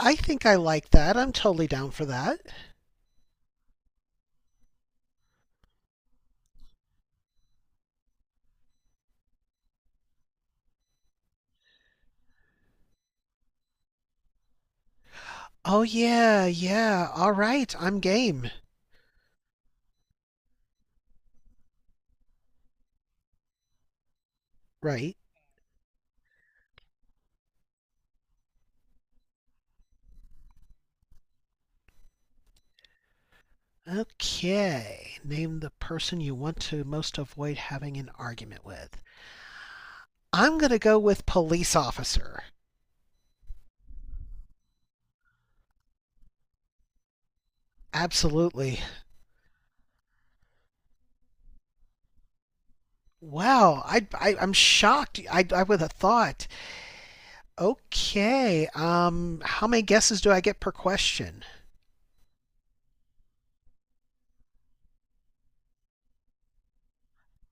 I think I like that. I'm totally down for that. Oh, yeah, yeah. All right. I'm game. Right. Okay. Name the person you want to most avoid having an argument with. I'm going to go with police officer. Absolutely. Wow. I'm shocked. I would have thought. Okay. How many guesses do I get per question?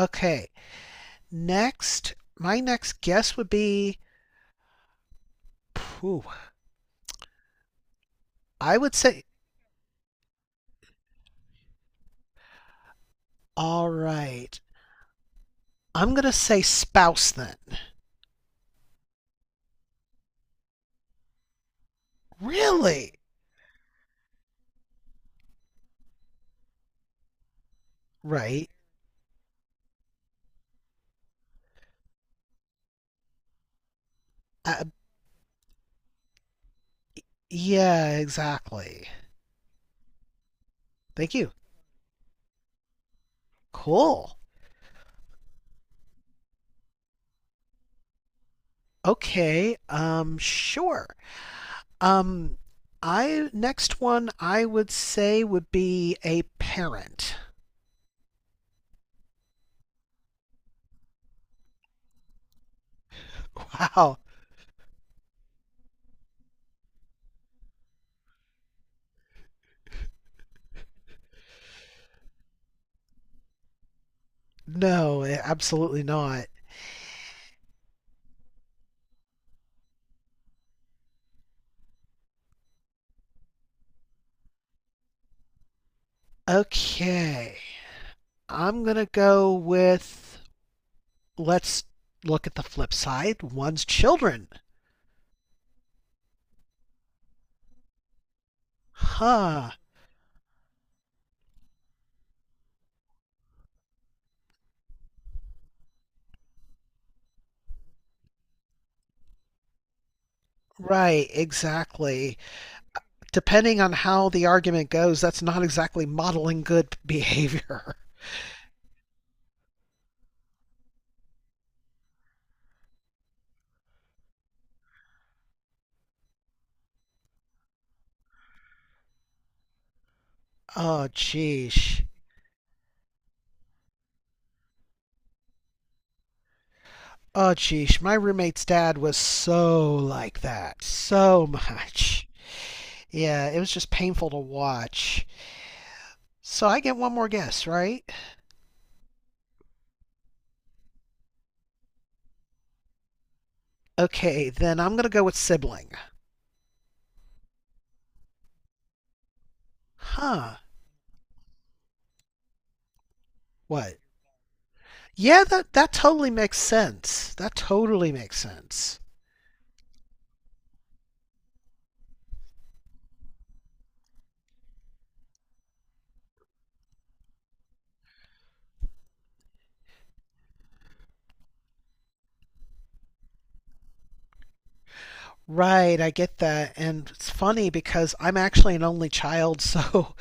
Okay. Next, my next guess would be. Phew, I would say. All right. I'm gonna say spouse then. Really? Right? Uh, yeah, exactly. Thank you. Cool. Okay. Sure. Um, I next one I would say would be a parent. Wow. No, eh, absolutely not. Okay. I'm gonna go with, let's look at the flip side. One's children. Huh. Right, exactly. Depending on how the argument goes, that's not exactly modeling good behavior. Oh, jeez. Oh, jeez. My roommate's dad was so like that. So much. Yeah, it was just painful to watch. So I get one more guess, right? Okay, then I'm going to go with sibling. Huh. What? Yeah, that, that totally makes sense. That totally makes sense. Right, I get that. And it's funny because I'm actually an only child, so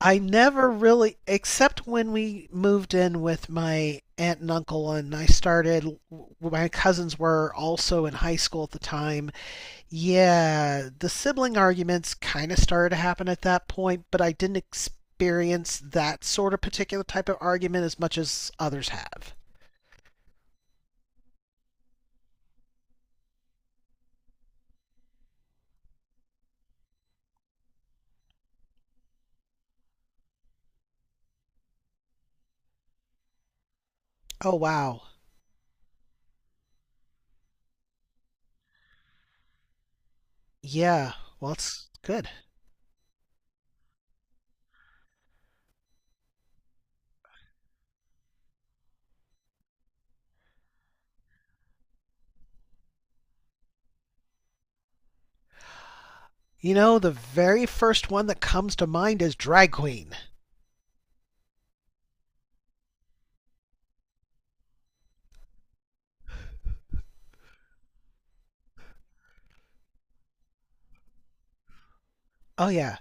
I never really, except when we moved in with my aunt and uncle, and I started, my cousins were also in high school at the time. Yeah, the sibling arguments kind of started to happen at that point, but I didn't experience that sort of particular type of argument as much as others have. Oh, wow. Yeah, well, it's good. You know, the very first one that comes to mind is Drag Queen. Oh, yeah.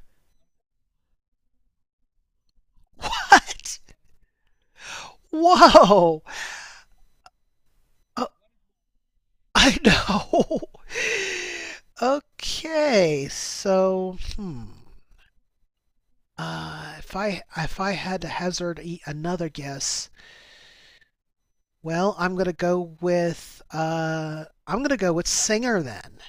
What? Whoa! I know. Okay, so hmm. If I had to hazard another guess, well, I'm gonna go with I'm gonna go with singer then.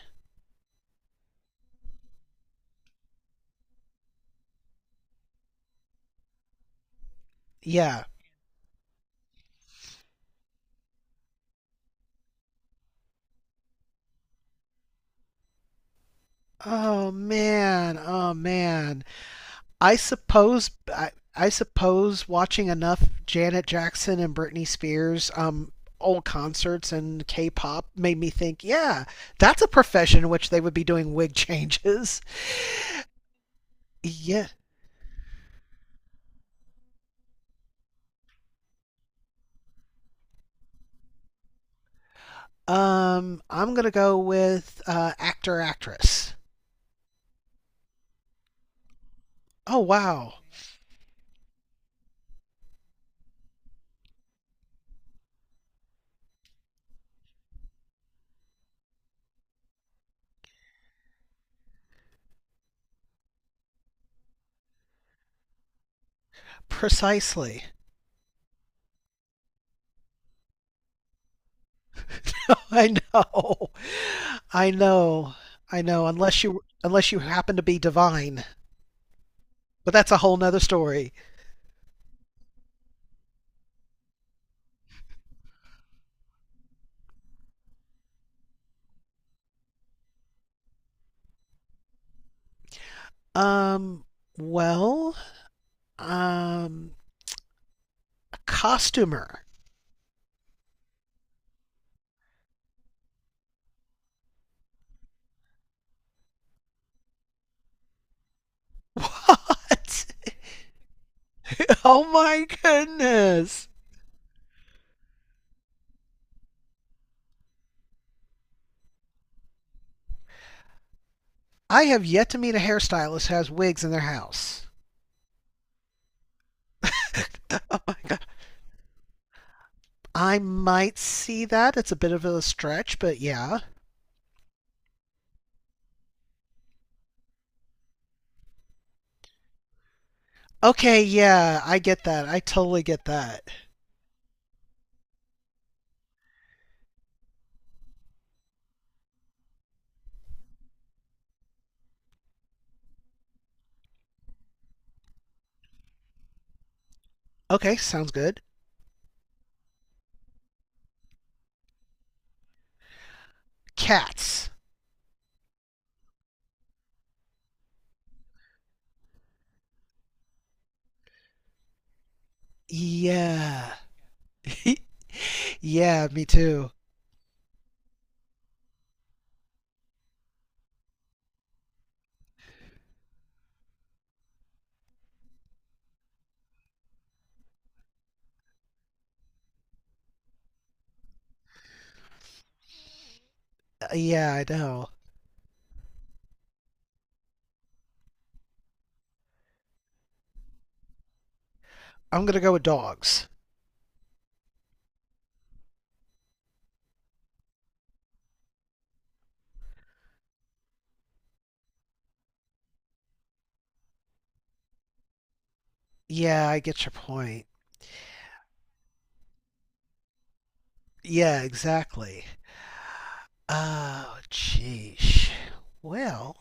Yeah. Oh man. Oh man. I suppose watching enough Janet Jackson and Britney Spears old concerts and K-pop made me think, yeah, that's a profession in which they would be doing wig changes. Yeah. I'm going to go with actor actress. Oh wow. Precisely. I know. I know. I know, unless you happen to be divine. But that's a whole nother story. Um well, um, a costumer. What? Oh my goodness. I have yet to meet a hairstylist who has wigs in their house. Oh my god. I might see that. It's a bit of a stretch, but yeah. Okay, yeah, I get that. I totally get that. Okay, sounds good. Cats. Yeah. Yeah, me too. Yeah, I know. I'm gonna go with dogs. Yeah, I get your point. Yeah, exactly. Oh, jeez. Well,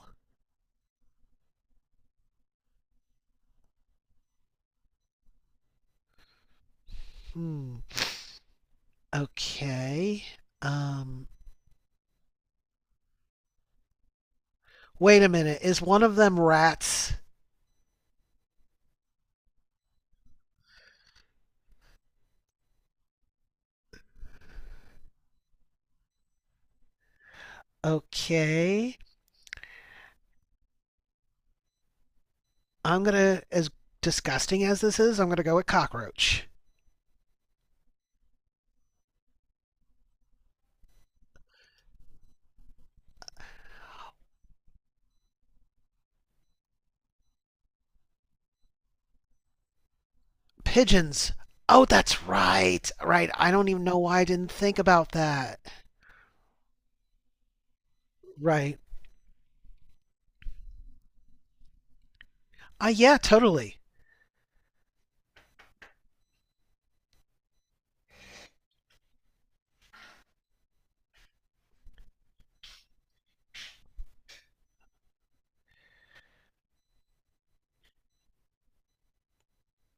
hmm. Okay. Um, Wait a minute. Is one of them rats? Okay. I'm gonna, as disgusting as this is, I'm gonna go with cockroach. Pigeons. Oh, that's right. Right. I don't even know why I didn't think about that. Right. Ah, yeah, totally.